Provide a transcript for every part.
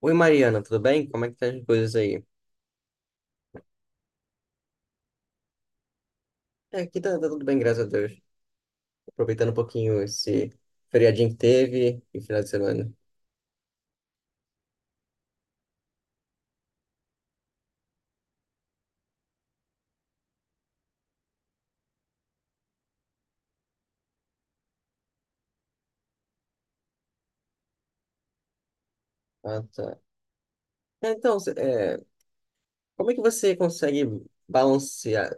Oi, Mariana, tudo bem? Como é que tá as coisas aí? É, aqui tá tudo bem, graças a Deus. Aproveitando um pouquinho esse feriadinho que teve e final de semana. Ah, tá. Então, como é que você consegue balancear,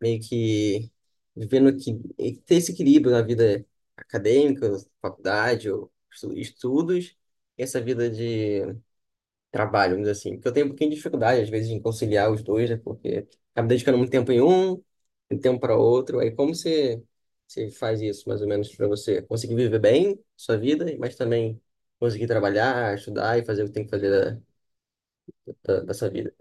meio que vivendo que e ter esse equilíbrio na vida acadêmica, faculdade, ou estudos, e essa vida de trabalho, vamos dizer assim. Porque eu tenho um pouquinho de dificuldade, às vezes, em conciliar os dois, né? Porque acabo dedicando muito tempo em um, muito tempo para outro. Aí como você faz isso, mais ou menos, para você conseguir viver bem sua vida, mas também conseguir trabalhar, estudar e fazer o que tem que fazer da sua vida?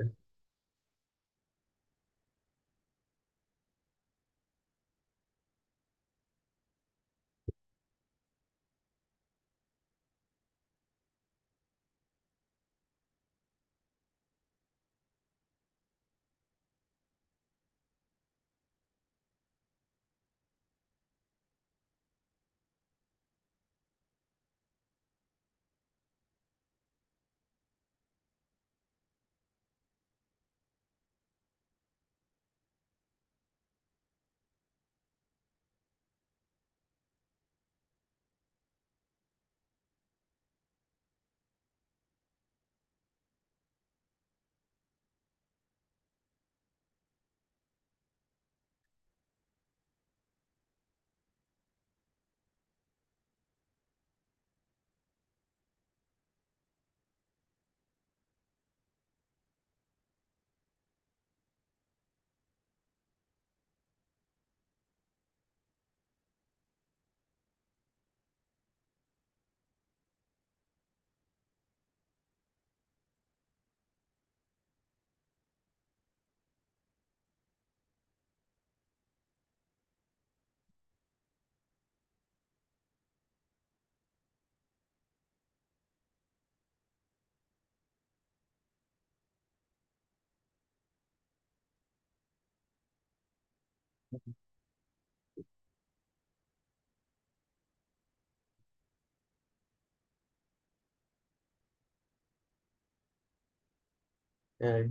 É,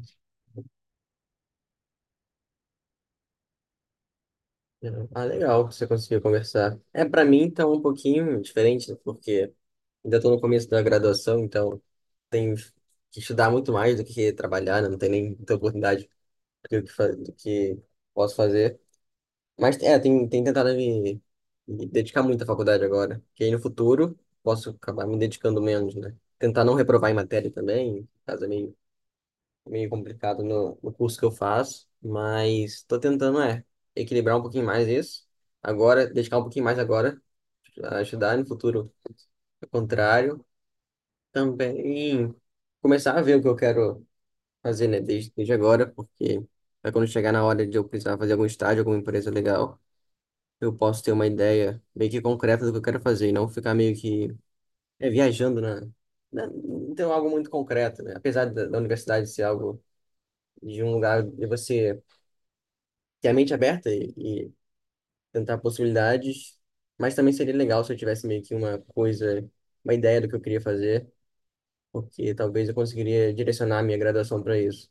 entendeu? Ah, legal que você conseguiu conversar. É, para mim, tá um pouquinho diferente, né? Porque ainda estou no começo da graduação, então tenho que estudar muito mais do que trabalhar, né? Não tem nem muita oportunidade do do que posso fazer. Mas é, tem tentado me dedicar muito à faculdade agora. Que aí no futuro posso acabar me dedicando menos, né? Tentar não reprovar em matéria também, caso é meio complicado no curso que eu faço. Mas tô tentando, é, equilibrar um pouquinho mais isso. Agora, dedicar um pouquinho mais agora, a estudar no futuro. Ao contrário, também começar a ver o que eu quero fazer, né, desde agora, porque vai quando chegar na hora de eu precisar fazer algum estágio, alguma empresa legal, eu posso ter uma ideia meio que concreta do que eu quero fazer e não ficar meio que é, viajando, né, não ter algo muito concreto, né? Apesar da universidade ser algo de um lugar de você ter a mente aberta e tentar possibilidades, mas também seria legal se eu tivesse meio que uma coisa, uma ideia do que eu queria fazer, porque talvez eu conseguiria direcionar a minha graduação para isso.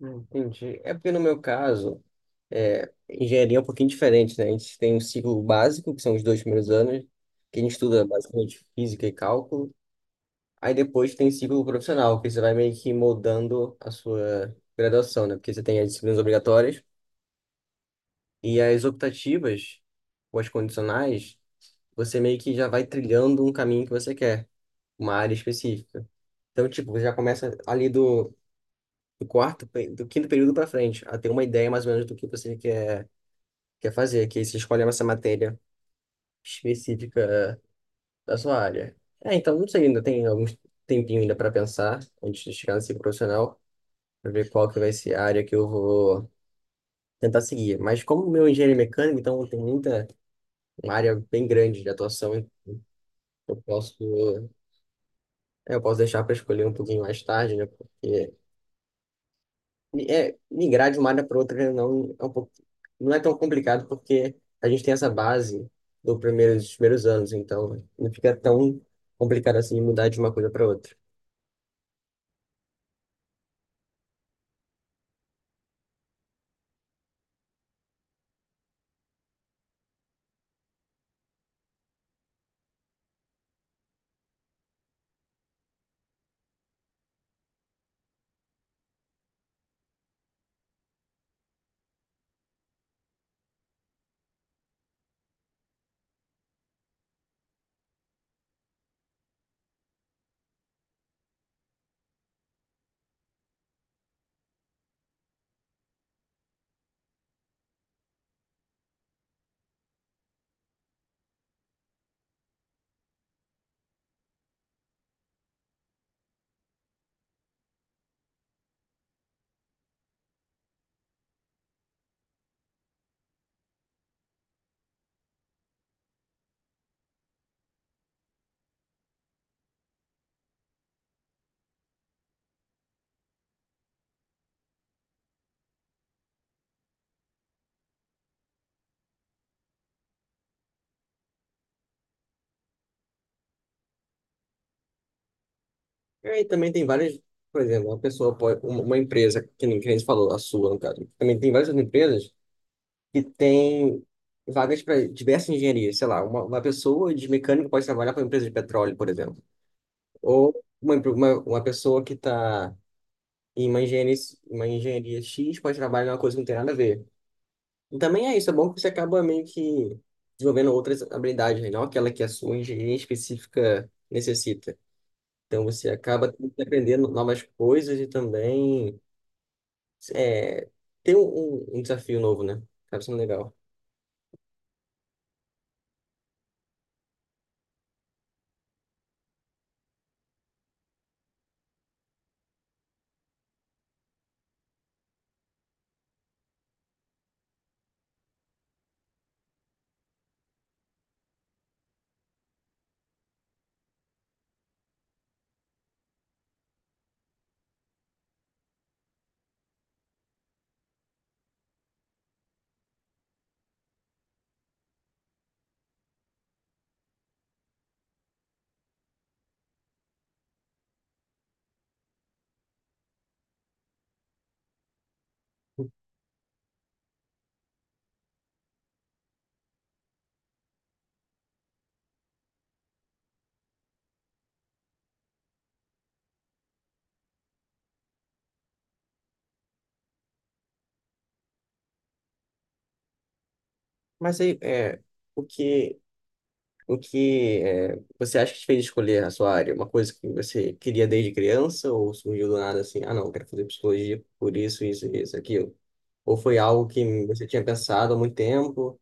Entendi. É porque no meu caso. É, engenharia é um pouquinho diferente, né? A gente tem um ciclo básico, que são os dois primeiros anos, que a gente estuda basicamente física e cálculo. Aí depois tem ciclo profissional, que você vai meio que moldando a sua graduação, né? Porque você tem as disciplinas obrigatórias e as optativas, ou as condicionais, você meio que já vai trilhando um caminho que você quer, uma área específica. Então, tipo, você já começa ali do do quinto período para frente, a ter uma ideia mais ou menos do que você quer fazer, que aí você escolhe essa matéria específica da sua área. É, então, não sei, ainda tem algum tempinho ainda para pensar antes de chegar nesse profissional, para ver qual que vai ser a área que eu vou tentar seguir. Mas como meu é engenheiro mecânico, então tem muita uma área bem grande de atuação, eu posso eu posso deixar para escolher um pouquinho mais tarde, né? Porque é, migrar de uma área para outra não é um pouco, não é tão complicado porque a gente tem essa base do dos primeiros anos, então não fica tão complicado assim mudar de uma coisa para outra. É, e também tem várias, por exemplo, uma pessoa pode, uma empresa, que nem você falou, a sua, no caso, também tem várias outras empresas que têm vagas para diversas engenharias, sei lá, uma pessoa de mecânico pode trabalhar para uma empresa de petróleo, por exemplo, ou uma pessoa que está em uma engenharia X pode trabalhar em uma coisa que não tem nada a ver. E também é isso, é bom que você acaba meio que desenvolvendo outras habilidades, né? Não aquela que a sua engenharia específica necessita. Então você acaba aprendendo novas coisas e também é, ter um desafio novo, né? Acaba sendo legal. Mas aí, é, o que, o você acha que te fez escolher a sua área? Uma coisa que você queria desde criança ou surgiu do nada assim, ah, não, eu quero fazer psicologia por isso, isso, isso, aquilo? Ou foi algo que você tinha pensado há muito tempo?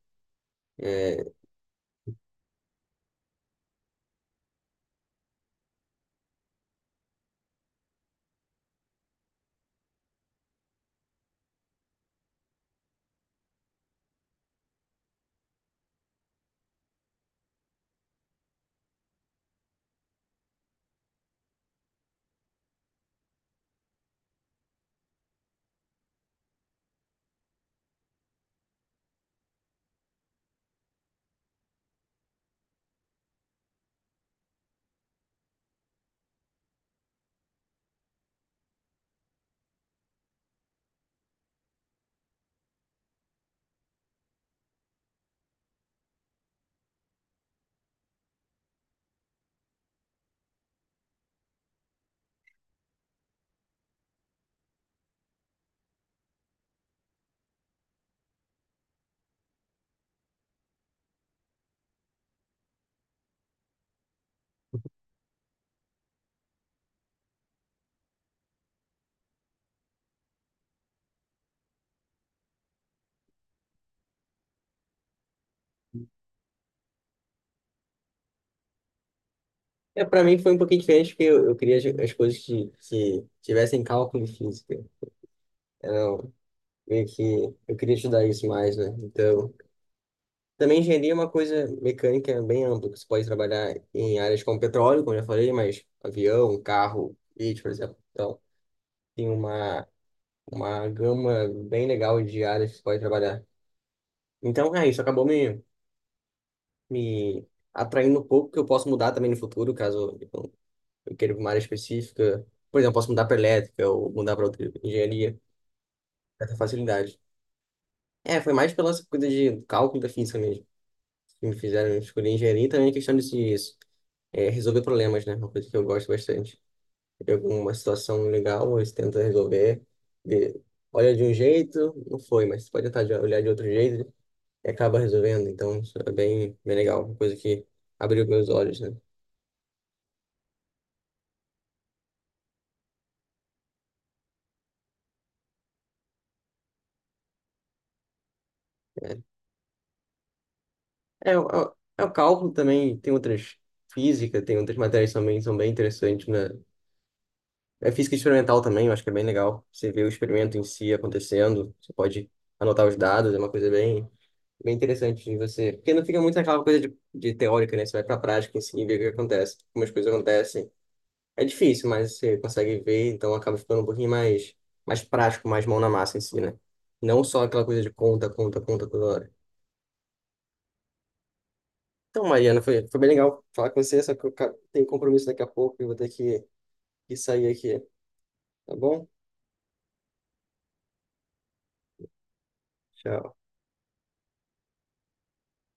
É, para mim foi um pouquinho diferente porque eu queria as coisas que tivessem cálculo e física. Era meio que eu queria estudar isso mais, né? Então, também engenharia é uma coisa mecânica bem ampla, que você pode trabalhar em áreas como petróleo, como eu já falei, mas avião, carro, leite, por exemplo. Então, tem uma gama bem legal de áreas que você pode trabalhar. Então, é isso, acabou me atraindo um pouco, que eu posso mudar também no futuro, caso eu queira ir pra uma área específica. Por exemplo, posso mudar para elétrica ou mudar para outra engenharia, com certa facilidade. É, foi mais pela coisa de cálculo da física mesmo, que me fizeram escolher engenharia e também questão de resolver problemas, né? Uma coisa que eu gosto bastante. Pega uma situação legal, você tenta resolver, vê- olha de um jeito, não foi, mas você pode tentar olhar de outro jeito e acaba resolvendo. Então, isso é bem legal, uma coisa que abriu meus olhos, né? É, o é o cálculo também, tem outras física, tem outras matérias também, são bem interessantes, né? É física experimental também, eu acho que é bem legal. Você vê o experimento em si acontecendo, você pode anotar os dados, é uma coisa bem, bem interessante de você. Porque não fica muito aquela coisa de teórica, né? Você vai pra prática em si e vê o que acontece. Como as coisas acontecem. É difícil, mas você consegue ver, então acaba ficando um pouquinho mais, mais prático, mais mão na massa em si, né? Não só aquela coisa de conta, conta, conta toda hora. Então, Mariana, foi bem legal falar com você, só que eu tenho compromisso daqui a pouco e vou ter que sair aqui, tá bom? Tchau.